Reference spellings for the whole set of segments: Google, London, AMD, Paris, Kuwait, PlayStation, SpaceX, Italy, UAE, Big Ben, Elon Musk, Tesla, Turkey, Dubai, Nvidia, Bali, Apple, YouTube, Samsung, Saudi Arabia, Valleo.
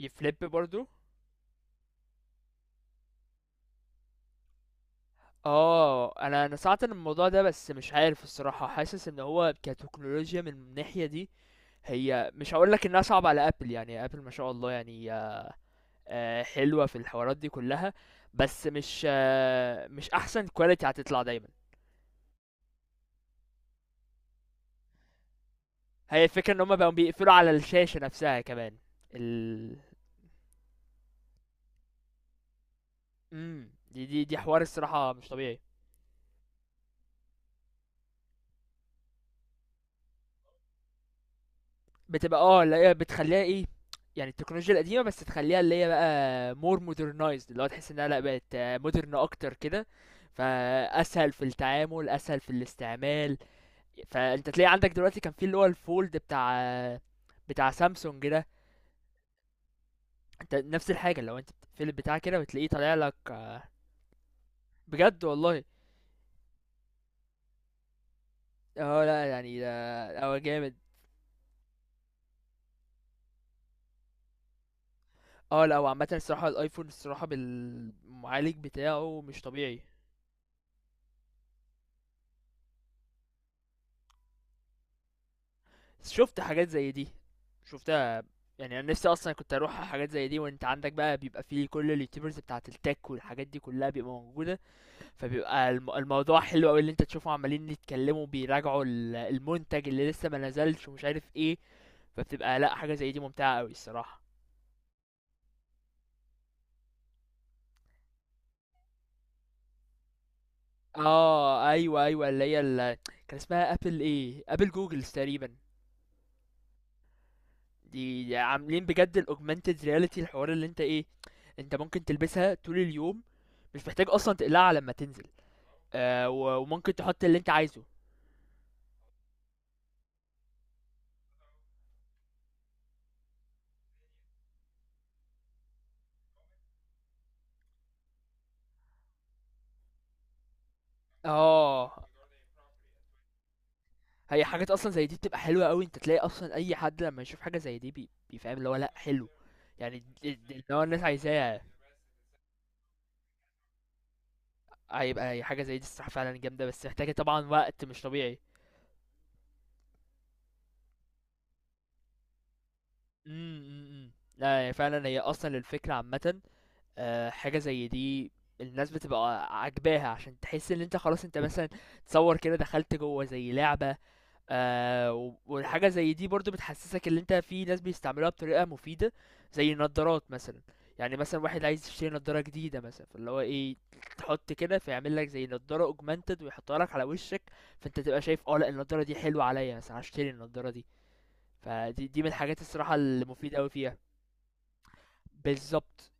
يفليب برضو. اه، انا سمعت عن الموضوع ده، بس مش عارف الصراحه، حاسس ان هو كتكنولوجيا من الناحيه دي هي مش هقول لك انها صعبه على ابل. يعني ابل ما شاء الله، يعني حلوه في الحوارات دي كلها، بس مش احسن كواليتي هتطلع دايما. هي الفكره ان هم بقوا بيقفلوا على الشاشه نفسها كمان. ال دي حوار الصراحه مش طبيعي. بتبقى اه اللي هي بتخليها ايه، يعني التكنولوجيا القديمه، بس تخليها اللي هي بقى مور مودرنايزد، اللي هو تحس انها لا بقت مودرن اكتر كده، فاسهل في التعامل، اسهل في الاستعمال. فانت تلاقي عندك دلوقتي كان في اللي هو الفولد بتاع سامسونج ده، انت نفس الحاجه، لو انت بتقفل البتاع كده بتلاقيه طالع لك. بجد والله. اه لا يعني ده هو جامد. اه لا، وعامة الصراحة الايفون الصراحة بالمعالج بتاعه مش طبيعي. شفت حاجات زي دي، شفتها. يعني انا نفسي اصلا كنت اروح على حاجات زي دي، وانت عندك بقى بيبقى فيه كل اليوتيوبرز بتاعه التك والحاجات دي كلها بيبقى موجوده. فبيبقى الموضوع حلو قوي اللي انت تشوفهم عمالين يتكلموا، بيراجعوا المنتج اللي لسه ما نزلش ومش عارف ايه. فبتبقى لا، حاجه زي دي ممتعه قوي الصراحه. اه ايوه ايوه اللي هي ال... كان اسمها ابل ايه، ابل جوجلز تقريبا. دي عاملين بجد الاوجمانتد رياليتي، الحوار اللي انت ايه، انت ممكن تلبسها طول اليوم، مش محتاج اصلا تقلعها لما تنزل. و- وممكن تحط اللي انت عايزه. اه، هي حاجات اصلا زي دي بتبقى حلوه قوي. انت تلاقي اصلا اي حد لما يشوف حاجه زي دي بيفهم اللي هو لا حلو. يعني دي اللي هو الناس عايزاها. هيبقى هي حاجه زي دي الصراحه فعلا جامده، بس محتاجه طبعا وقت مش طبيعي. امم امم، امم. لا، هي فعلا هي اصلا الفكره عامه. حاجة زي دي الناس بتبقى عاجباها، عشان تحس ان انت خلاص انت مثلا تصور كده دخلت جوه زي لعبة. و- والحاجة زي دي برضو بتحسسك ان انت في ناس بيستعملوها بطريقة مفيدة، زي النضارات مثلا. يعني مثلا واحد عايز يشتري نضارة جديدة مثلا، فاللي هو ايه، تحط كده فيعمل لك زي نضارة اوجمانتد ويحطها لك على وشك، فانت تبقى شايف اه لا النضارة دي حلوة عليا مثلا، هشتري النضارة دي. فدي من الحاجات الصراحة المفيدة اوي فيها. بالظبط.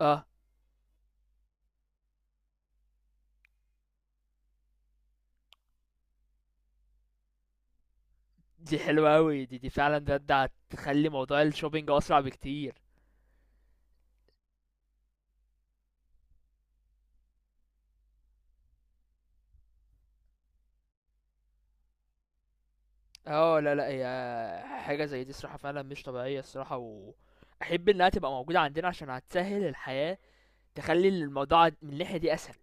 اه، دي حلوة أوي، دي فعلا ده هتخلي موضوع الشوبينج أسرع بكتير. اه لا لا، هي حاجة زي دي الصراحة فعلا مش طبيعية الصراحة، وأحب إنها تبقى موجودة عندنا عشان هتسهل الحياة، تخلي الموضوع من الناحية دي أسهل.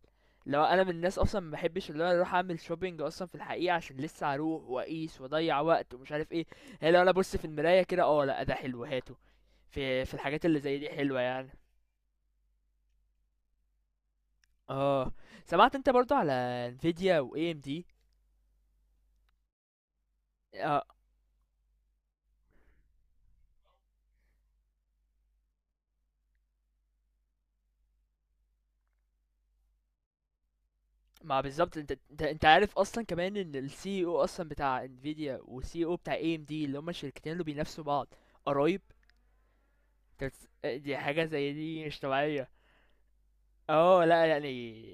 لو أنا من الناس أصلا ما بحبش اللي أنا أروح أعمل شوبينج أصلا في الحقيقة، عشان لسه هروح وأقيس وأضيع وقت ومش عارف إيه. هي لو أنا أبص في المراية كده اه لا ده حلو هاته. في في الحاجات اللي زي دي حلوة يعني. اه، سمعت انت برضو على انفيديا و AMD. ما بالظبط، انت عارف اصلا كمان ان السي او اصلا بتاع انفيديا والسي او بتاع اي ام دي، اللي هما الشركتين اللي بينافسوا بعض، قرايب. انت بتس- آه، دي حاجه زي دي مش طبيعيه. اه لا يعني،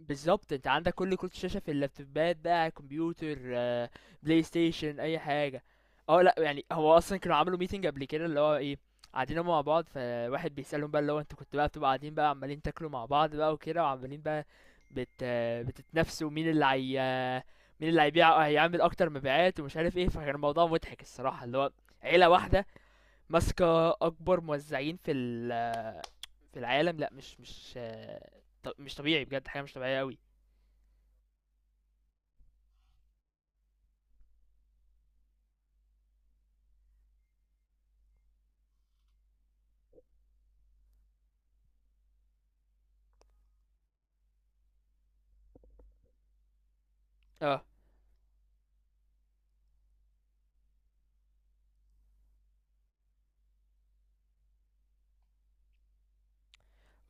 بالظبط، انت عندك كل كروت شاشه في اللابتوبات، بقى كمبيوتر، بلاي ستيشن، اي حاجه. اه لا يعني، هو اصلا كانوا عملوا ميتنج قبل كده، اللي هو ايه، قاعدين هما مع بعض، فواحد بيسألهم بقى اللي هو انتوا كنتوا بقى بتبقوا قاعدين بقى عمالين تاكلوا مع بعض بقى وكده، وعمالين بقى بت بتتنافسوا مين اللي هي مين اللي هيبيع هيعمل اكتر مبيعات ومش عارف ايه. فكان الموضوع مضحك الصراحه، اللي هو عيله واحده ماسكه اكبر موزعين في في العالم. لا مش مش طبيعي بجد، حاجه مش طبيعيه قوي. اه،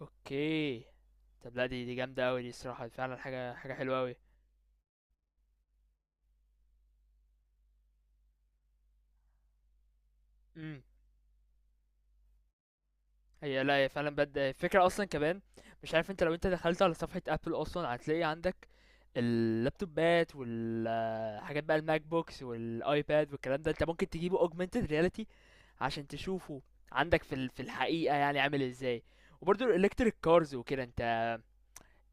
اوكي. طب لا، دي جامده قوي، دي الصراحه فعلا حاجه حلوه قوي. هي لا، هي فعلًا بجد الفكرة أصلًا كمان، مش عارف أنت لو أنت دخلت على صفحة Apple أصلًا هتلاقي عندك اللابتوبات والحاجات بقى الMac books والiPad والكلام ده، أنت ممكن تجيبه augmented reality عشان تشوفه عندك في ال في الحقيقة يعني عامل إزاي، وبرضه الelectric cars وكده أنت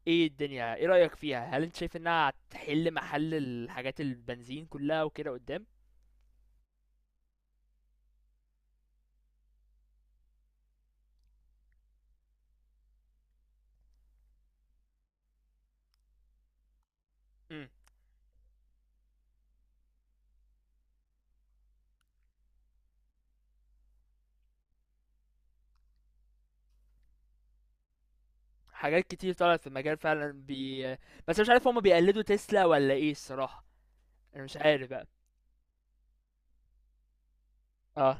إيه الدنيا، إيه رأيك فيها؟ هل أنت شايف إنها هتحل محل الحاجات البنزين كلها وكده قدّام؟ إمم، حاجات كتير طلعت في المجال فعلًا بي. بس مش عارف هُم بيقلدوا تسلا والّا إيه الصراحة. انا مش عارف بقى. اه،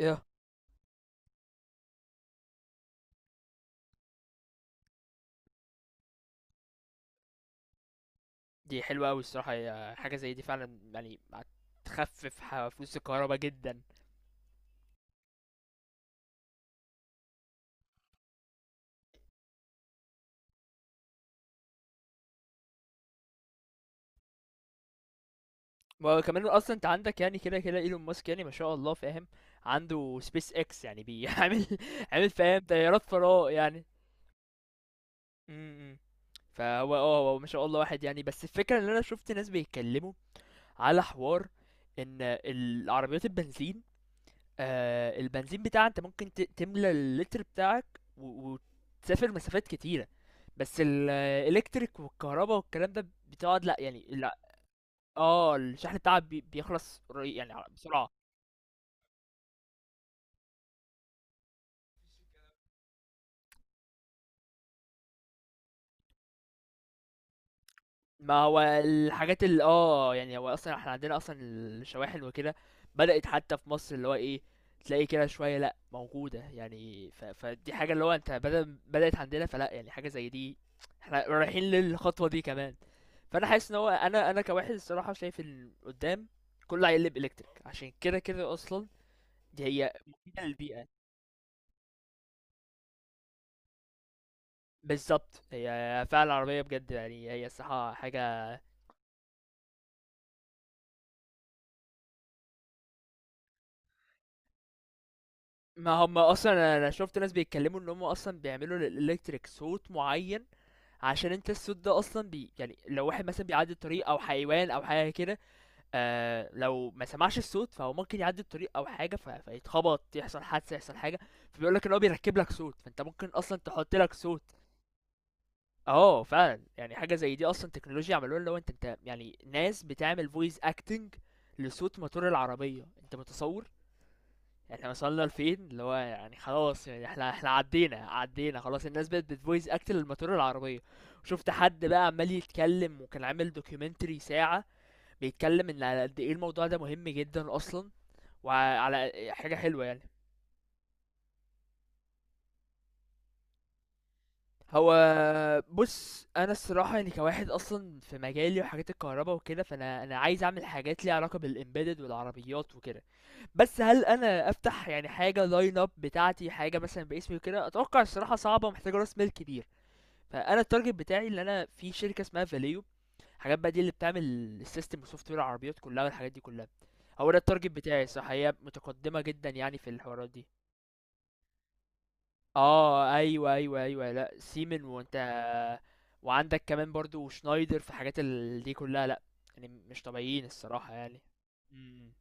ايه، دي حلوه قوي الصراحه، هي حاجه زي دي فعلا يعني هتخفف فلوس الكهرباء جدا. ما هو كمان اصلا انت عندك، يعني كده كده ايلون ماسك يعني ما شاء الله، فاهم، عنده سبيس اكس، يعني بيعمل عامل فاهم طيارات فراغ يعني. امم. فهو اه هو ما شاء الله واحد يعني، بس الفكره ان انا شفت ناس بيتكلموا على حوار ان العربيات البنزين، آه البنزين بتاعها انت ممكن تملى اللتر بتاعك و- وتسافر مسافات كتيرة. بس الالكتريك والكهرباء والكلام ده بتقعد لا يعني لا. اه الشحن بتاعها بيخلص يعني بسرعة. ما هو الحاجات اللي يعني هو أصلًا إحنا عندنا أصلًا الشواحن وكده بدأت حتى في مصر، اللي هو إيه، تلاقي كده شوية لأ موجودة يعني، فدي حاجة اللي هو أنت بدل بدأت عندنا فلأ، يعني حاجة زي دي، إحنا رايحين للخطوة دي كمان، فأنا حاسس إن هو أنا كواحد الصراحة شايف إن قدّام كله هيقلب electric، عشان كده كده أصلًا دي هي مفيدة للبيئة، بالضبط هي فعلًا العربية بجد يعني، هي الصراحة حاجة. ما هم اصلا انا، أنا شفت ناس بيتكلموا ان هم اصلا بيعملوا للالكتريك صوت معين، عشان انت الصوت ده اصلا بي يعني لو واحد مثلا بيعدي الطريق او حيوان او حاجه كده. آه لو ما سمعش الصوت فهو ممكن يعدي الطريق او حاجه، ف... فيتخبط، يحصل حادثه، يحصل حاجه. فبيقول لك ان هو بيركب لك صوت، فانت ممكن اصلا تحط لك صوت. اه فعلا، يعني حاجه زي دي اصلا تكنولوجيا عملوها، اللي هو انت يعني ناس بتعمل فويس اكتنج لصوت موتور العربيه، انت متصور. يعني احنا وصلنا لفين، اللي هو يعني خلاص يعني احنا عدينا خلاص. الناس بقت بتفويس اكت للموتور العربيه. شفت حد بقى عمال يتكلم وكان عامل دوكيومنتري ساعه بيتكلم ان على قد ايه الموضوع ده مهم جدا اصلا، وعلى حاجه حلوه يعني. هو بص انا الصراحه يعني كواحد اصلا في مجالي وحاجات الكهرباء وكده، فانا، انا عايز اعمل حاجات ليها علاقه بالامبيدد والعربيات وكده. بس هل انا افتح يعني حاجه لاين اب بتاعتي، حاجه مثلا باسمي وكده، اتوقع الصراحه صعبه ومحتاجه راس مال كبير. فانا التارجت بتاعي ان انا في شركه اسمها فاليو، الحاجات بقى دي اللي بتعمل السيستم وسوفت وير العربيات كلها والحاجات دي كلها. هو ده التارجت بتاعي الصراحه، هي متقدمه جدا يعني في الحوارات دي. اه ايوه ايوه لا سيمن، وانت وعندك كمان برضو شنايدر في حاجات ال... دي كلها، لا يعني مش طبيعيين الصراحه يعني. مم.